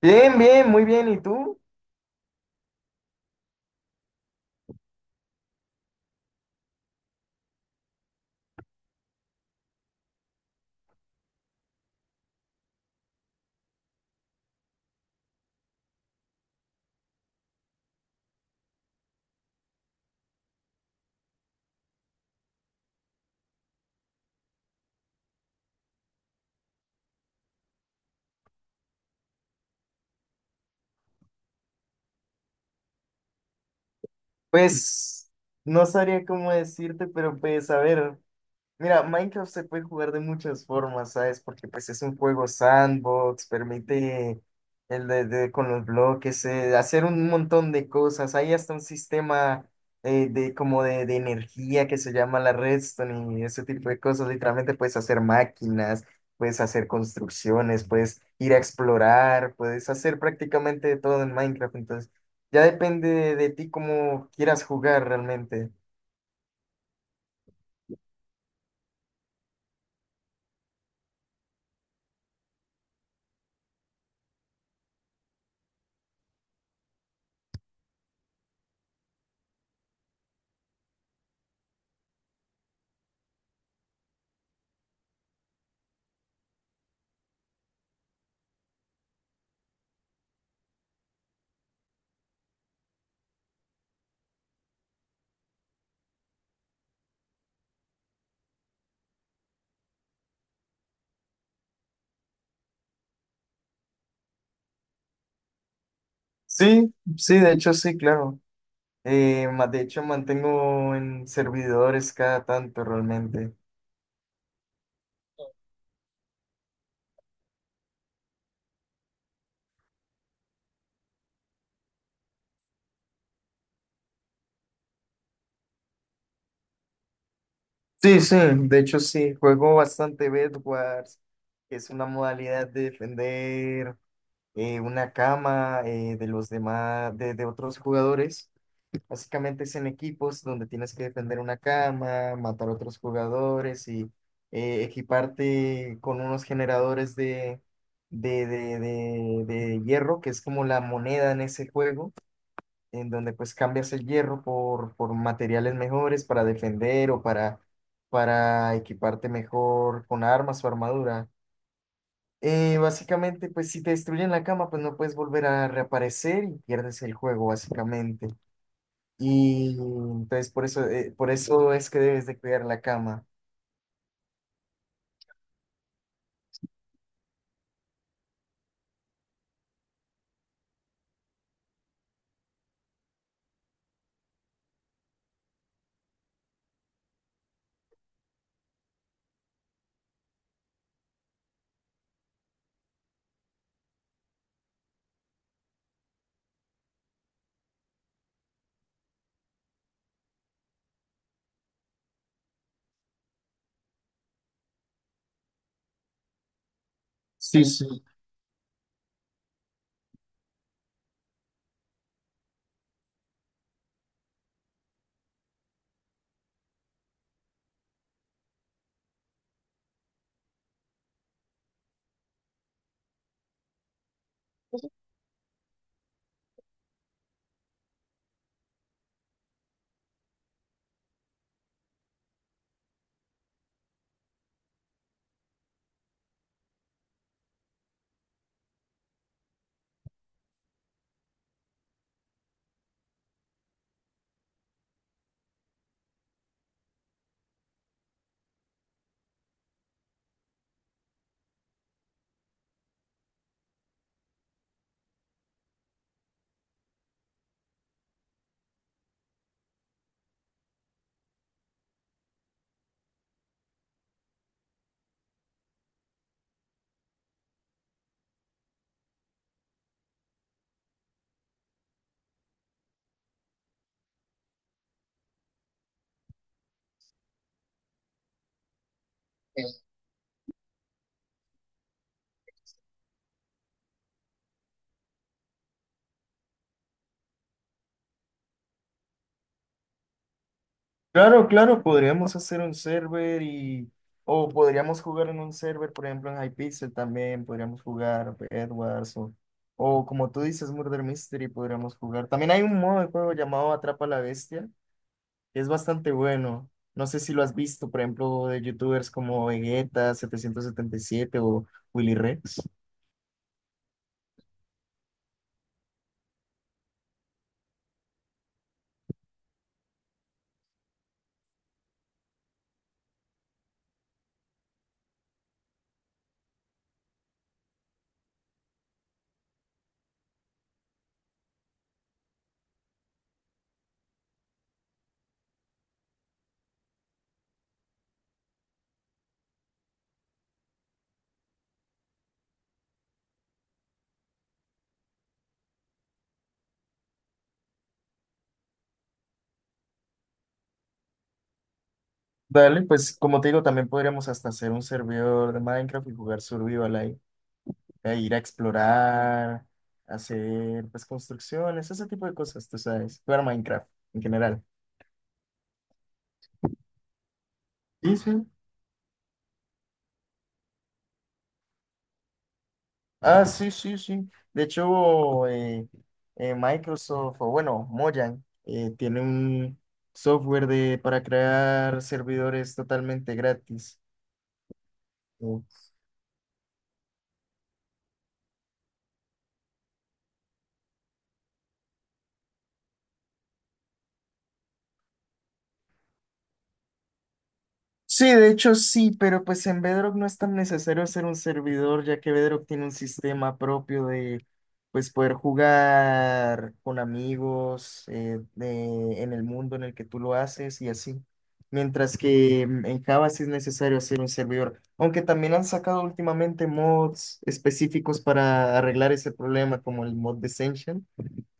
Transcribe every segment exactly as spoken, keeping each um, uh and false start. Bien, bien, muy bien. ¿Y tú? Pues no sabría cómo decirte, pero pues a ver, mira, Minecraft se puede jugar de muchas formas, ¿sabes? Porque pues es un juego sandbox, permite el de, de- con los bloques, eh, hacer un montón de cosas. Hay hasta un sistema eh, de como de, de energía que se llama la redstone y ese tipo de cosas. Literalmente puedes hacer máquinas, puedes hacer construcciones, puedes ir a explorar, puedes hacer prácticamente de todo en Minecraft. Entonces, ya depende de, de ti cómo quieras jugar realmente. Sí, sí, de hecho sí, claro. Eh, ma- de hecho, mantengo en servidores cada tanto realmente. Sí, sí, de hecho sí, juego bastante bed wars, que es una modalidad de defender eh, una cama, eh, de los demás, de, de otros jugadores. Básicamente es en equipos donde tienes que defender una cama, matar a otros jugadores y eh, equiparte con unos generadores de, de, de, de de hierro, que es como la moneda en ese juego, en donde pues cambias el hierro por, por materiales mejores para defender o para, para equiparte mejor con armas o armadura. Eh, básicamente, pues si te destruyen la cama, pues no puedes volver a reaparecer y pierdes el juego, básicamente. Y entonces por eso, eh, por eso es que debes de cuidar la cama. Sí, sí. Claro, claro, podríamos hacer un server y... O podríamos jugar en un server, por ejemplo, en Hypixel también, podríamos jugar Edwards o, o como tú dices, Murder Mystery, podríamos jugar. También hay un modo de juego llamado Atrapa a la Bestia, que es bastante bueno. No sé si lo has visto, por ejemplo, de youtubers como Vegeta setecientos setenta y siete o Willy Rex. Dale, pues como te digo, también podríamos hasta hacer un servidor de Minecraft y jugar Survival ahí, a ir a explorar, hacer pues construcciones, ese tipo de cosas, tú sabes, jugar Minecraft en general. Sí, sí. Ah, sí, sí, sí. De hecho, eh, eh, Microsoft, o bueno, Mojang, eh, tiene un software de, para crear servidores totalmente gratis. ¿No? Sí, de hecho sí, pero pues en Bedrock no es tan necesario hacer un servidor, ya que Bedrock tiene un sistema propio de pues poder jugar con amigos, eh, de- en el mundo en el que tú lo haces y así. Mientras que mm, en Java sí es necesario hacer un servidor, aunque también han sacado últimamente mods específicos para arreglar ese problema, como el mod de...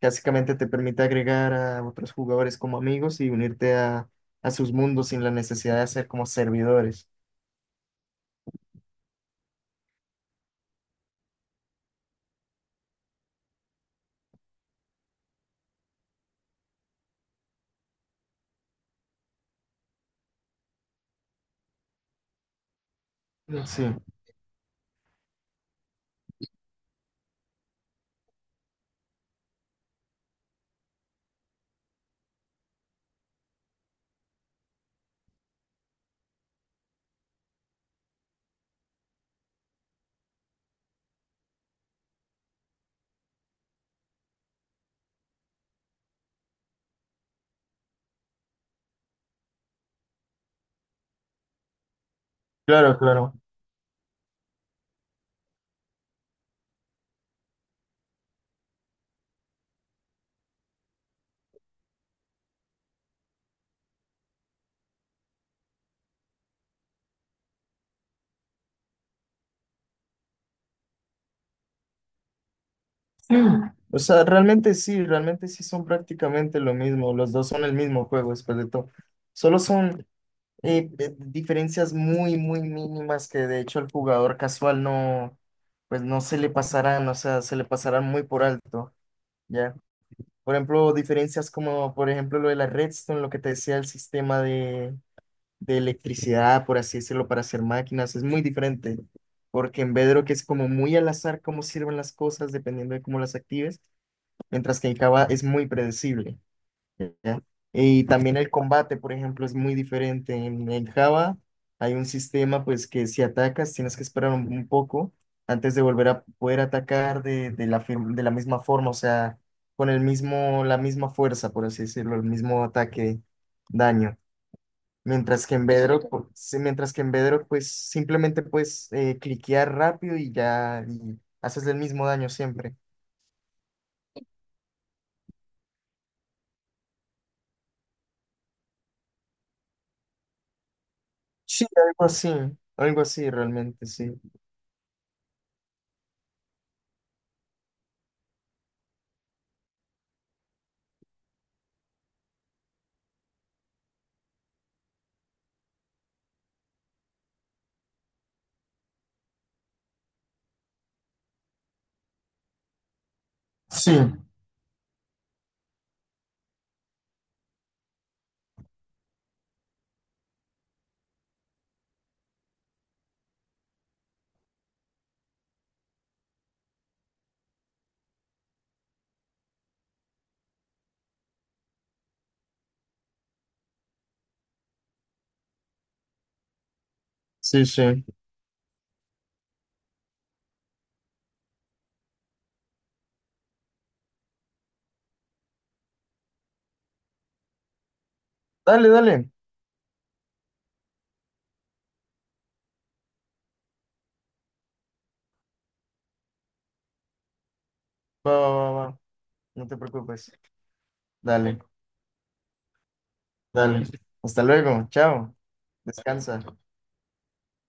Básicamente te permite agregar a otros jugadores como amigos y unirte a, a sus mundos sin la necesidad de ser como servidores. Sí, claro, claro. O sea, realmente sí, realmente sí son prácticamente lo mismo. Los dos son el mismo juego después de todo. Solo son eh, eh, diferencias muy, muy mínimas que de hecho el jugador casual no, pues no se le pasarán, o sea, se le pasarán muy por alto, ¿ya? Por ejemplo, diferencias como, por ejemplo, lo de la redstone, lo que te decía, el sistema de de electricidad, por así decirlo, para hacer máquinas, es muy diferente, porque en Bedrock que es como muy al azar cómo sirven las cosas dependiendo de cómo las actives, mientras que en Java es muy predecible, ¿ya? Y también el combate, por ejemplo, es muy diferente. En, en Java hay un sistema pues que si atacas tienes que esperar un, un poco antes de volver a poder atacar de, de la, fir- de la misma forma, o sea, con el mismo, la misma fuerza, por así decirlo, el mismo ataque, daño. Mientras que en Bedrock, pu- sí, mientras que en Bedrock, pues simplemente puedes eh, cliquear rápido y ya y haces el mismo daño siempre. Sí, algo así, algo así realmente, sí. Sí, sí, sí. Dale, dale. Va, va, va, va. No te preocupes. Dale, dale. Hasta luego. Chao. Descansa.